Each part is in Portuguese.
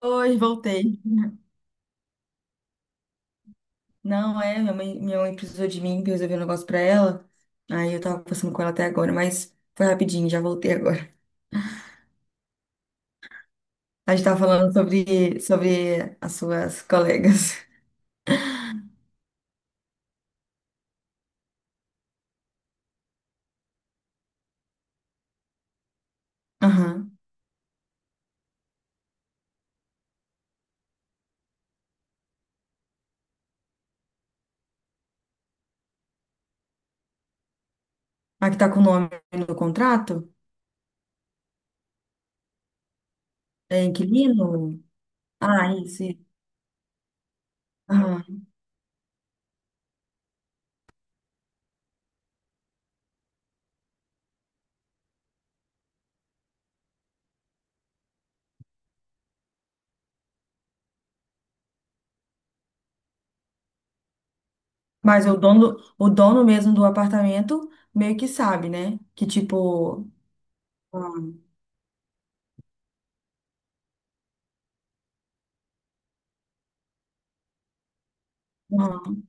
Hoje voltei. Não, é, minha mãe precisou de mim pra eu resolver um negócio pra ela. Aí eu tava conversando com ela até agora, mas foi rapidinho, já voltei agora. A gente tava falando sobre as suas colegas. Aham. A que tá com o nome no contrato? É inquilino? Ah, isso. Isso. Aham. Mas o dono mesmo do apartamento meio que sabe, né? Que tipo. Ah. Aham.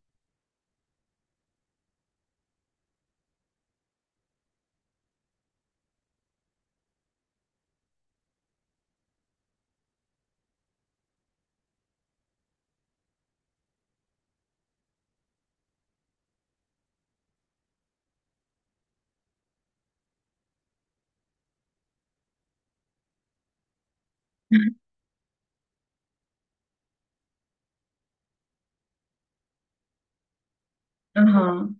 Aham.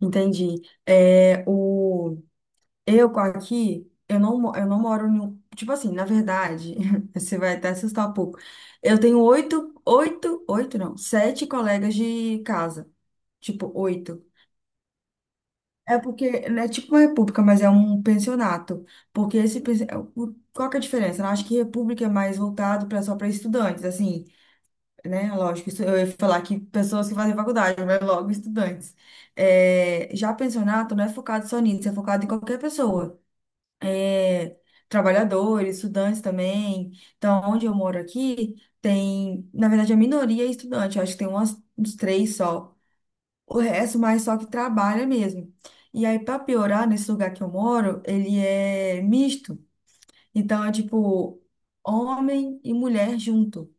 Entendi. É, o. Eu com aqui, eu não, eu não moro em um. Tipo assim, na verdade, você vai até assustar um pouco. Eu tenho oito, oito, oito não, sete colegas de casa. Tipo, oito. É porque não é tipo uma república, mas é um pensionato. Porque esse. Qual que é a diferença? Eu acho que república é mais voltado para só para estudantes, assim, né? Lógico, isso, eu ia falar que pessoas que fazem faculdade, mas logo estudantes. É, já pensionato não é focado só nisso, é focado em qualquer pessoa. Trabalhadores, estudantes também. Então, onde eu moro aqui, tem, na verdade, a minoria é estudante, eu acho que tem umas, uns três só. O resto, mais só que trabalha mesmo. E aí, para piorar, nesse lugar que eu moro, ele é misto. Então, é tipo, homem e mulher junto.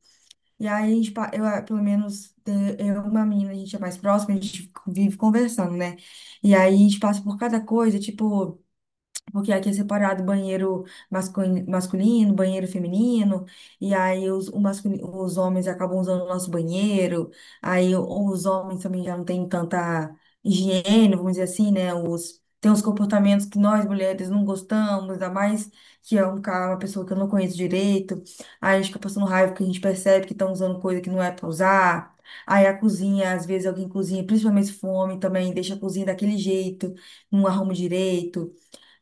E aí, a gente, eu, ah, pelo menos, eu e uma menina, a gente é mais próxima, a gente vive conversando, né? E aí, a gente passa por cada coisa, tipo. Porque aqui é separado banheiro masculino, banheiro feminino, e aí os homens acabam usando o nosso banheiro, aí os homens também já não têm tanta higiene, vamos dizer assim, né? Tem uns comportamentos que nós mulheres não gostamos, ainda mais que é um cara, uma pessoa que eu não conheço direito, aí a gente fica passando raiva porque a gente percebe que estão usando coisa que não é para usar. Aí a cozinha, às vezes alguém cozinha, principalmente se for um homem também, deixa a cozinha daquele jeito, não arruma direito.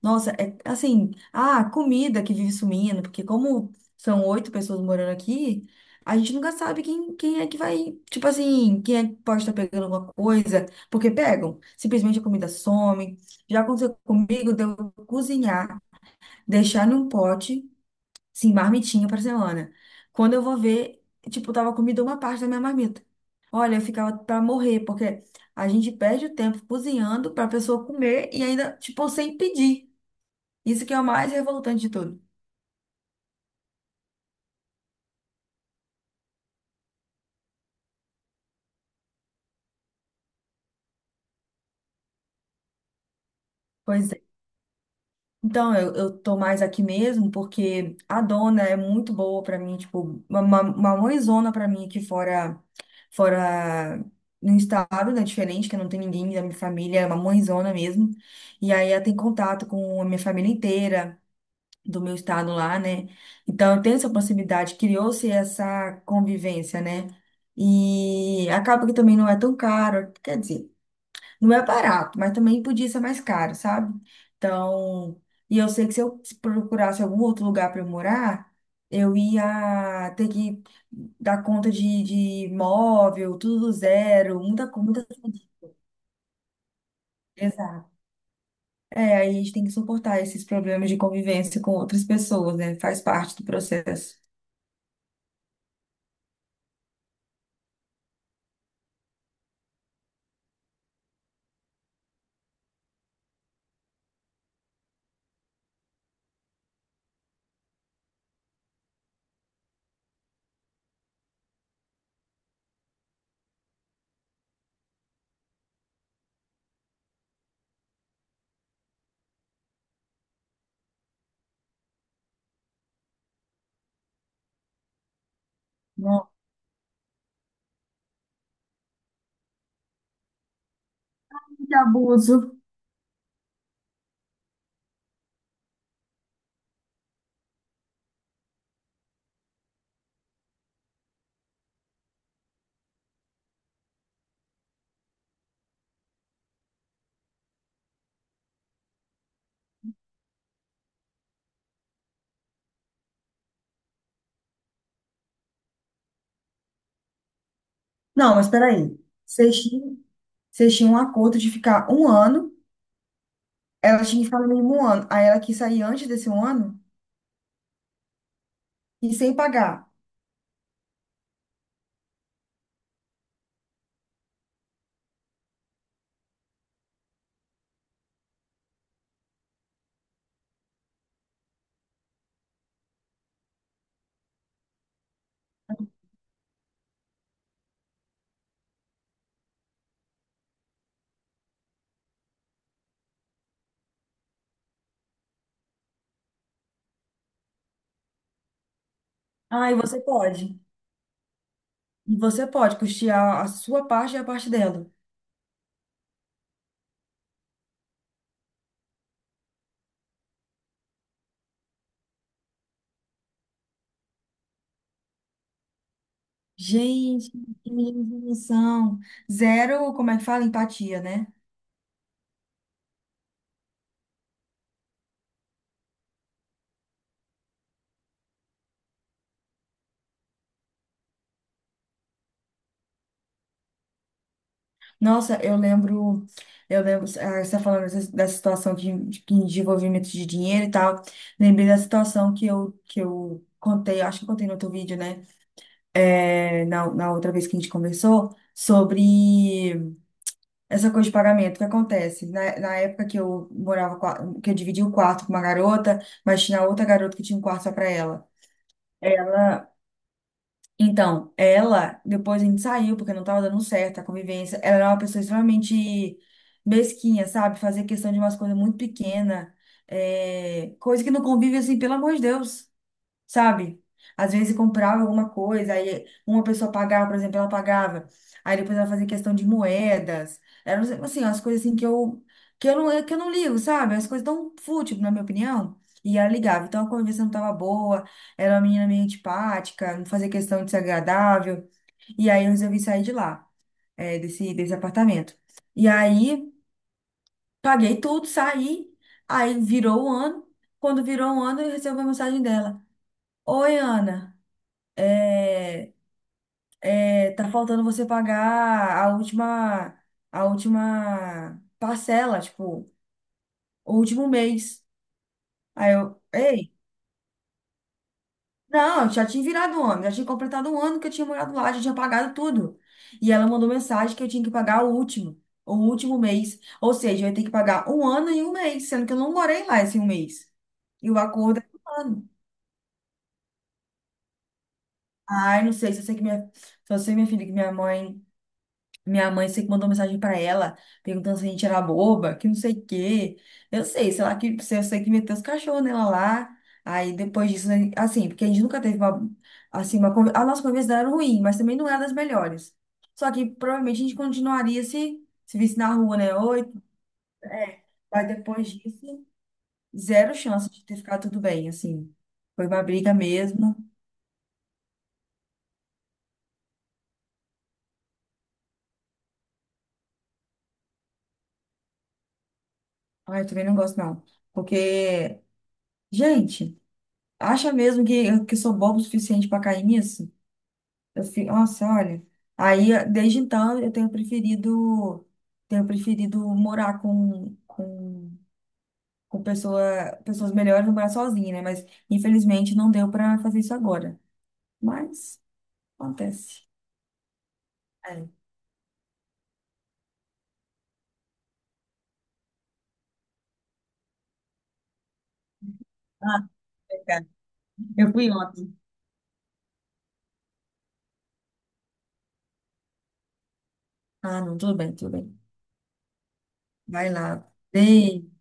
Nossa, é assim, ah, comida que vive sumindo, porque como são oito pessoas morando aqui, a gente nunca sabe quem é que vai, tipo assim, quem é que pode estar pegando alguma coisa, porque pegam, simplesmente a comida some. Já aconteceu comigo de eu cozinhar, deixar num pote, sim, marmitinha pra semana. Quando eu vou ver, tipo, tava comida uma parte da minha marmita. Olha, eu ficava pra morrer, porque a gente perde o tempo cozinhando pra pessoa comer e ainda, tipo, sem pedir. Isso que é o mais revoltante de tudo. Pois é. Então, eu tô mais aqui mesmo porque a dona é muito boa pra mim, tipo, uma mãezona pra mim aqui fora, fora no estado, né, diferente, que não tem ninguém da minha família, é uma mãezona mesmo. E aí ela tem contato com a minha família inteira do meu estado lá, né? Então, eu tenho essa proximidade, criou-se essa convivência, né? E acaba que também não é tão caro, quer dizer, não é barato, mas também podia ser mais caro, sabe? Então, e eu sei que se eu procurasse algum outro lugar para eu morar, eu ia ter que dar conta de móvel, tudo do zero, muita coisa. Exato. É, aí a gente tem que suportar esses problemas de convivência com outras pessoas, né? Faz parte do processo. Não, de abuso. Não, mas peraí. Vocês tinham, vocês tinham um acordo de ficar um ano, ela tinha que ficar no mínimo um ano. Aí ela quis sair antes desse um ano? E sem pagar. Ah, e você pode. E você pode custear a sua parte e a parte dela. Gente, que menino sem noção. Zero, como é que fala? Empatia, né? Nossa, eu lembro. Eu lembro, ah, você tá falando dessa situação de, de envolvimento de dinheiro e tal. Lembrei da situação que eu contei, acho que eu contei no outro vídeo, né? É, na outra vez que a gente conversou, sobre. Essa coisa de pagamento, o que acontece? Na época que eu morava, que eu dividi o quarto com uma garota, mas tinha outra garota que tinha um quarto só pra ela. Ela, então, ela, depois a gente saiu, porque não tava dando certo a convivência. Ela era uma pessoa extremamente mesquinha, sabe? Fazia questão de umas coisas muito pequenas, é, coisa que no convívio, assim, pelo amor de Deus, sabe? Às vezes comprava alguma coisa, aí uma pessoa pagava, por exemplo, ela pagava, aí depois ela fazia questão de moedas, eram assim, as coisas assim que eu não ligo, sabe? As coisas tão fútil, na minha opinião, e ela ligava. Então a conversa não tava boa, era uma menina meio antipática, não fazia questão de ser agradável, e aí eu resolvi sair de lá, é desse apartamento. E aí paguei tudo, saí, aí virou um ano, quando virou um ano eu recebi a mensagem dela. Oi, Ana. É, tá faltando você pagar a última parcela, tipo, o último mês. Aí eu, ei, não, eu já tinha virado um ano, já tinha completado um ano que eu tinha morado lá, já tinha pagado tudo. E ela mandou mensagem que eu tinha que pagar o último mês. Ou seja, eu ia ter que pagar um ano e um mês, sendo que eu não morei lá esse um mês. E o acordo é um ano. Ai, não sei, se eu sei que minha, só sei, minha filha, que minha mãe. Minha mãe sei que mandou mensagem pra ela, perguntando se a gente era boba, que não sei o quê. Eu sei, sei lá que eu sei que meteu os cachorros nela lá. Aí depois disso, né, assim, porque a gente nunca teve uma, assim, uma, a nossa conversa era ruim, mas também não era das melhores. Só que provavelmente a gente continuaria se visse na rua, né? Oito, é. Mas depois disso, zero chance de ter ficado tudo bem, assim. Foi uma briga mesmo. Ai, eu também não gosto não, porque gente, acha mesmo que sou bobo o suficiente para cair nisso? Eu fico, nossa, olha. Aí, desde então, eu tenho preferido morar com pessoa, pessoas melhores do que morar sozinha, né? Mas, infelizmente, não deu para fazer isso agora. Mas, acontece. É. Ah, cara, eu fui ontem. Ah, não, tudo bem, tudo bem. Vai lá. Beijo.